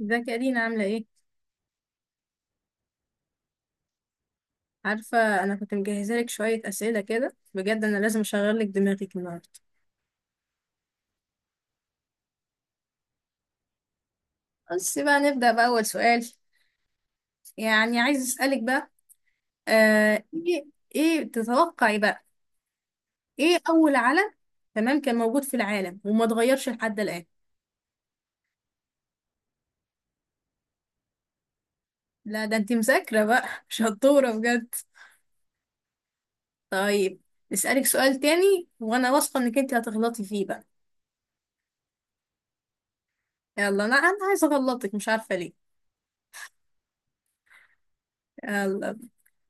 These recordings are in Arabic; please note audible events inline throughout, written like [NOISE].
ازيك يا دينا عاملة ايه؟ عارفة. أنا كنت مجهزة لك شوية أسئلة كده، بجد أنا لازم أشغل لك دماغك النهاردة. بس بقى نبدأ بأول سؤال. يعني عايز أسألك بقى. ايه ايه تتوقعي بقى، ايه أول علم تمام كان موجود في العالم وما اتغيرش لحد الآن؟ لا ده انتي مذاكرة بقى [LAUGHS] شطورة بجد. طيب، أسألك سؤال تاني وأنا واثقة إنك انتي هتغلطي فيه بقى. يلا، أنا عايزة أغلطك، مش عارفة ليه. يلا،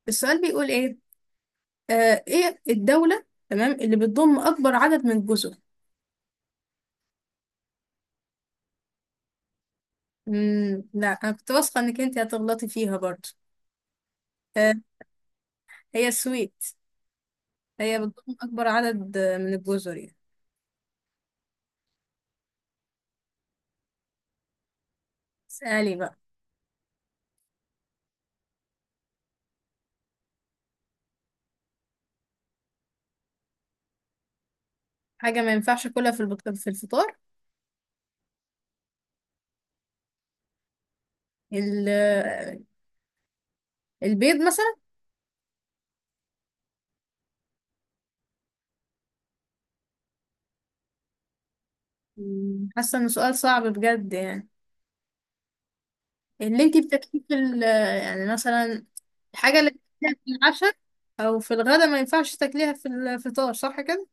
السؤال بيقول ايه؟ ايه الدولة تمام اللي بتضم اكبر عدد من الجزر؟ لا انا كنت واثقة انك انت هتغلطي فيها برضو. آه، هي السويد. هي بتضم اكبر عدد من الجزر يعني. اسألي بقى. حاجة ما ينفعش كلها في الفطار. ال... آه، البيض مثلا. حاسة انه سؤال صعب بجد يعني. اللي انت بتاكليه في ال... آه، يعني مثلا الحاجة اللي بتاكليها في العشاء او في الغدا ما ينفعش تاكليها في الفطار، صح كده؟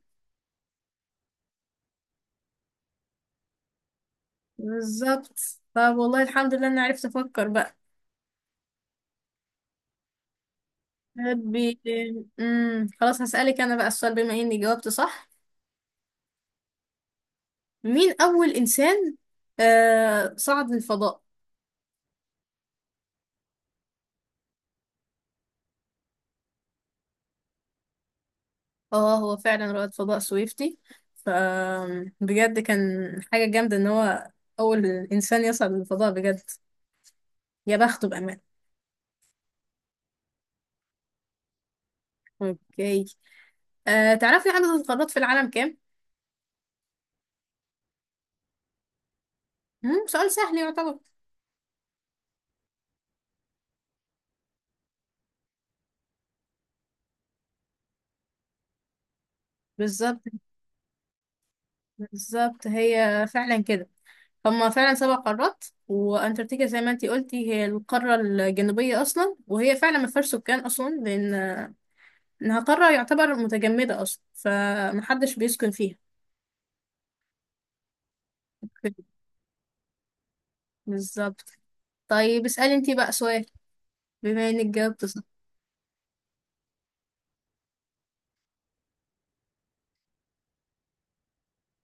بالظبط. طب والله الحمد لله اني عرفت افكر بقى. بي... خلاص هسألك انا بقى السؤال بما اني جاوبت صح. مين اول انسان صعد للفضاء؟ اه، هو فعلا رائد فضاء سويفتي. ف بجد كان حاجة جامدة ان هو اول انسان يصعد للفضاء بجد. يا بخته بأمان. اوكي. تعرفي عدد القارات في العالم كام؟ سؤال سهل يعتبر. بالظبط. بالظبط، هي فعلا كده. هما فعلا سبع قارات وانتاركتيكا زي ما انتي قلتي، هي القارة الجنوبية اصلا وهي فعلا ما فيهاش سكان اصلا لان انها قارة يعتبر متجمدة اصلا فمحدش بيسكن فيها. أوكي، بالظبط. طيب اسألي انتي بقى سؤال بما انك جاوبت صح.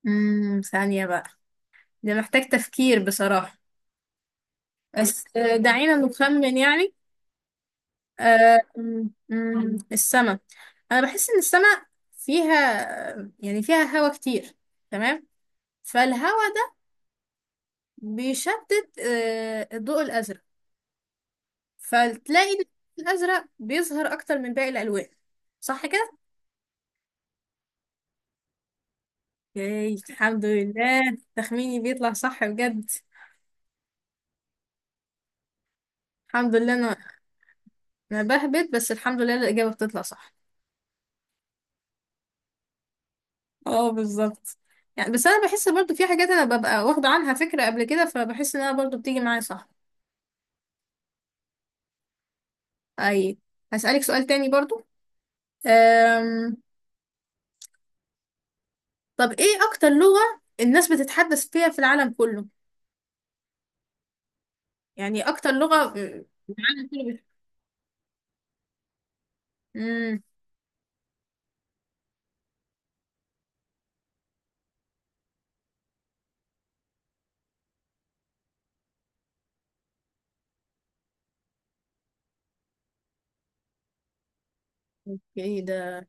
ثانية بقى، ده محتاج تفكير بصراحة. بس دعينا نخمن يعني. آه، أمم، أمم، السما، انا بحس ان السما فيها، يعني فيها هوا كتير، تمام. فالهوا بيشتت الضوء الأزرق. فتلاقي الضوء الأزرق بيظهر أكتر من باقي الألوان، صح كده؟ ياي الحمد لله تخميني بيطلع صح بجد. الحمد لله. أنا بهبت بس الحمد لله الإجابة بتطلع صح. اه، بالظبط. يعني بس أنا بحس برضو في حاجات أنا ببقى واخدة عنها فكرة قبل كده فبحس إنها برضو بتيجي معايا صح. أي. هسألك سؤال تاني برضو. أم... طب إيه أكتر لغة الناس بتتحدث فيها في العالم كله؟ يعني أكتر لغة العالم كله. امم ايه ده.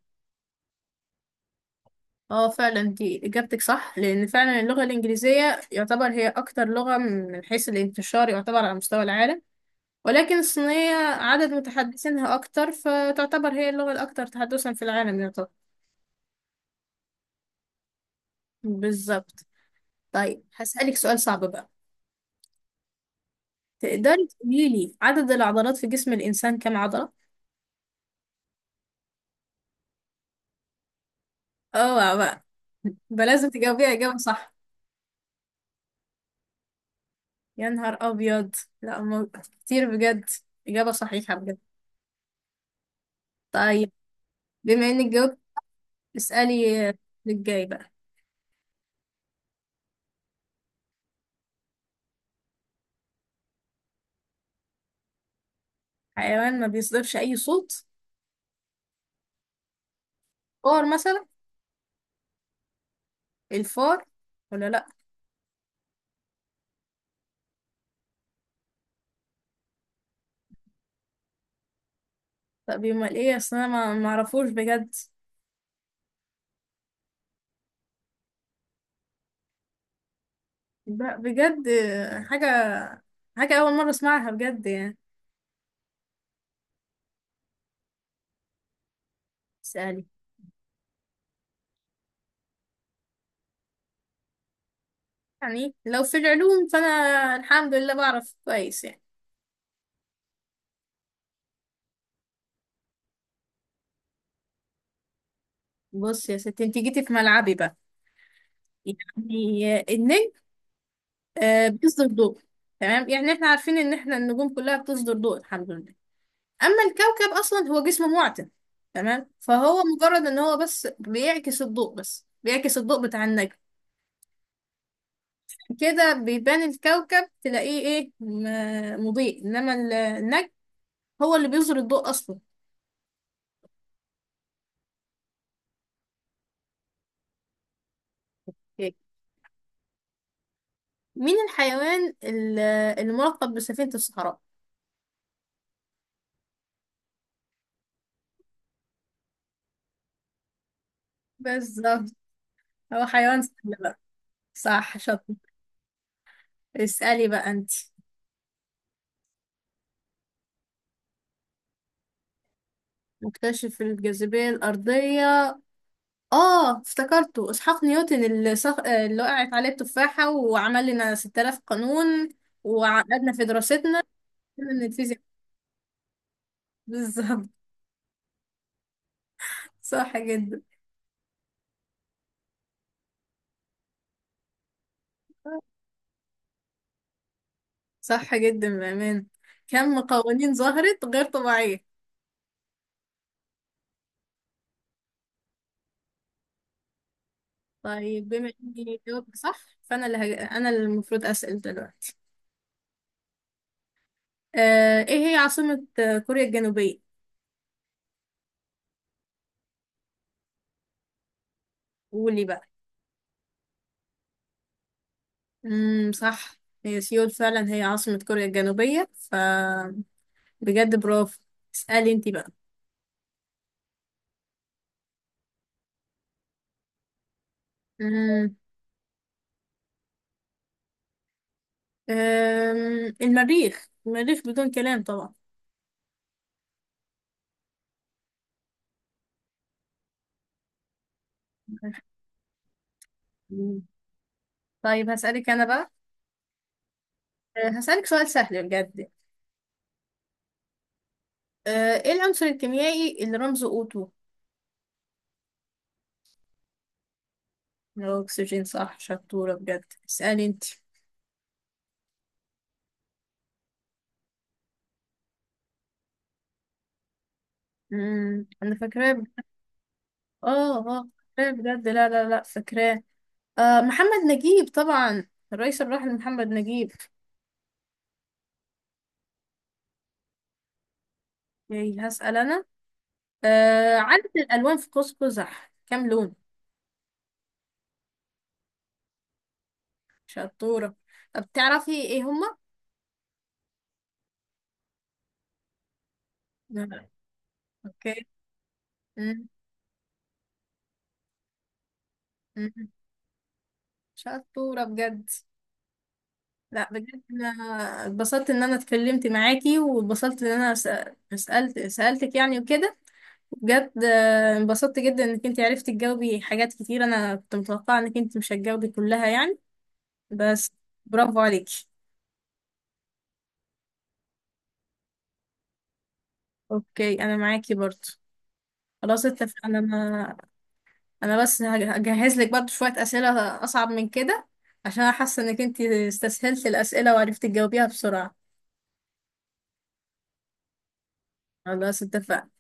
اه، فعلا دي اجابتك صح لان فعلا اللغه الانجليزيه يعتبر هي اكتر لغه من حيث الانتشار يعتبر على مستوى العالم، ولكن الصينيه عدد متحدثينها اكتر فتعتبر هي اللغه الاكثر تحدثا في العالم يعتبر. بالظبط. طيب هسألك سؤال صعب بقى. تقدري تقولي لي عدد العضلات في جسم الانسان كم عضله؟ اوعى بقى، بقى لازم تجاوبيها اجابه صح. يا نهار ابيض. لا مو- كتير بجد. اجابه صحيحه بجد. طيب، بما انك جاوبتي اسألي للجاي بقى. حيوان ما بيصدرش أي صوت؟ فار مثلا؟ الفار ولا لأ؟ طب يبقى ايه أصل أنا ما معرفوش بجد. بجد حاجة، حاجة أول مرة أسمعها بجد يعني. اسألي. يعني لو في العلوم فأنا الحمد لله بعرف كويس يعني. بص يا ستي انت جيتي في ملعبي بقى. يعني النجم بيصدر ضوء، تمام. يعني احنا عارفين ان احنا النجوم كلها بتصدر ضوء الحمد لله. اما الكوكب اصلا هو جسم معتم، تمام. فهو مجرد ان هو بس بيعكس الضوء بتاع النجم. كده بيبان الكوكب تلاقيه ايه مضيء انما النجم هو اللي بيظهر الضوء اصلا. إيه. مين الحيوان الملقب بسفينة الصحراء؟ بالظبط. هو حيوان سهل بقى. صح شاطر. اسألي بقى انت. مكتشف الجاذبية الأرضية. اه، افتكرته اسحاق نيوتن اللي وقعت عليه التفاحة وعمل لنا 6,000 قانون وعقدنا في دراستنا من الفيزياء. [LAUGHS] بالظبط. صح جدا. صح جدا بأمان. كم قوانين ظهرت غير طبيعية. طيب بما اني جاوبت صح فانا اللي هج... انا اللي المفروض اسأل دلوقتي. ايه هي عاصمة كوريا الجنوبية؟ قولي بقى. صح، هي سيول فعلا هي عاصمة كوريا الجنوبية. بجد برافو. اسألي انتي بقى. مم. المريخ، المريخ بدون كلام طبعا. مم. طيب هسألك أنا بقى. هسألك سؤال سهل بجد. ايه العنصر الكيميائي اللي رمزه O2؟ الاكسجين صح شطورة بجد اسألي انت. مم. أنا فاكراه اه اه، فاكراه بجد. لا لا لا، فاكراه. محمد نجيب طبعا. الرئيس الراحل محمد نجيب. ياي هسأل انا. عدد الالوان في قوس قزح كام لون؟ شطورة. طب تعرفي ايه هما؟ لا. أوكي. مم. مم. شطورة بجد. لا بجد انا اتبسطت ان انا اتكلمت معاكي واتبسطت ان انا سألتك يعني وكده. بجد انبسطت جدا انك انت عرفتي تجاوبي حاجات كتير، انا كنت متوقعة انك انت مش هتجاوبي كلها يعني، بس. برافو عليكي. اوكي انا معاكي برضو. خلاص اتفقنا. انا بس هجهز لك برضو شوية اسئلة اصعب من كده. عشان انا حاسة انك انت استسهلت الاسئلة وعرفتي تجاوبيها بسرعة. خلاص اتفقنا.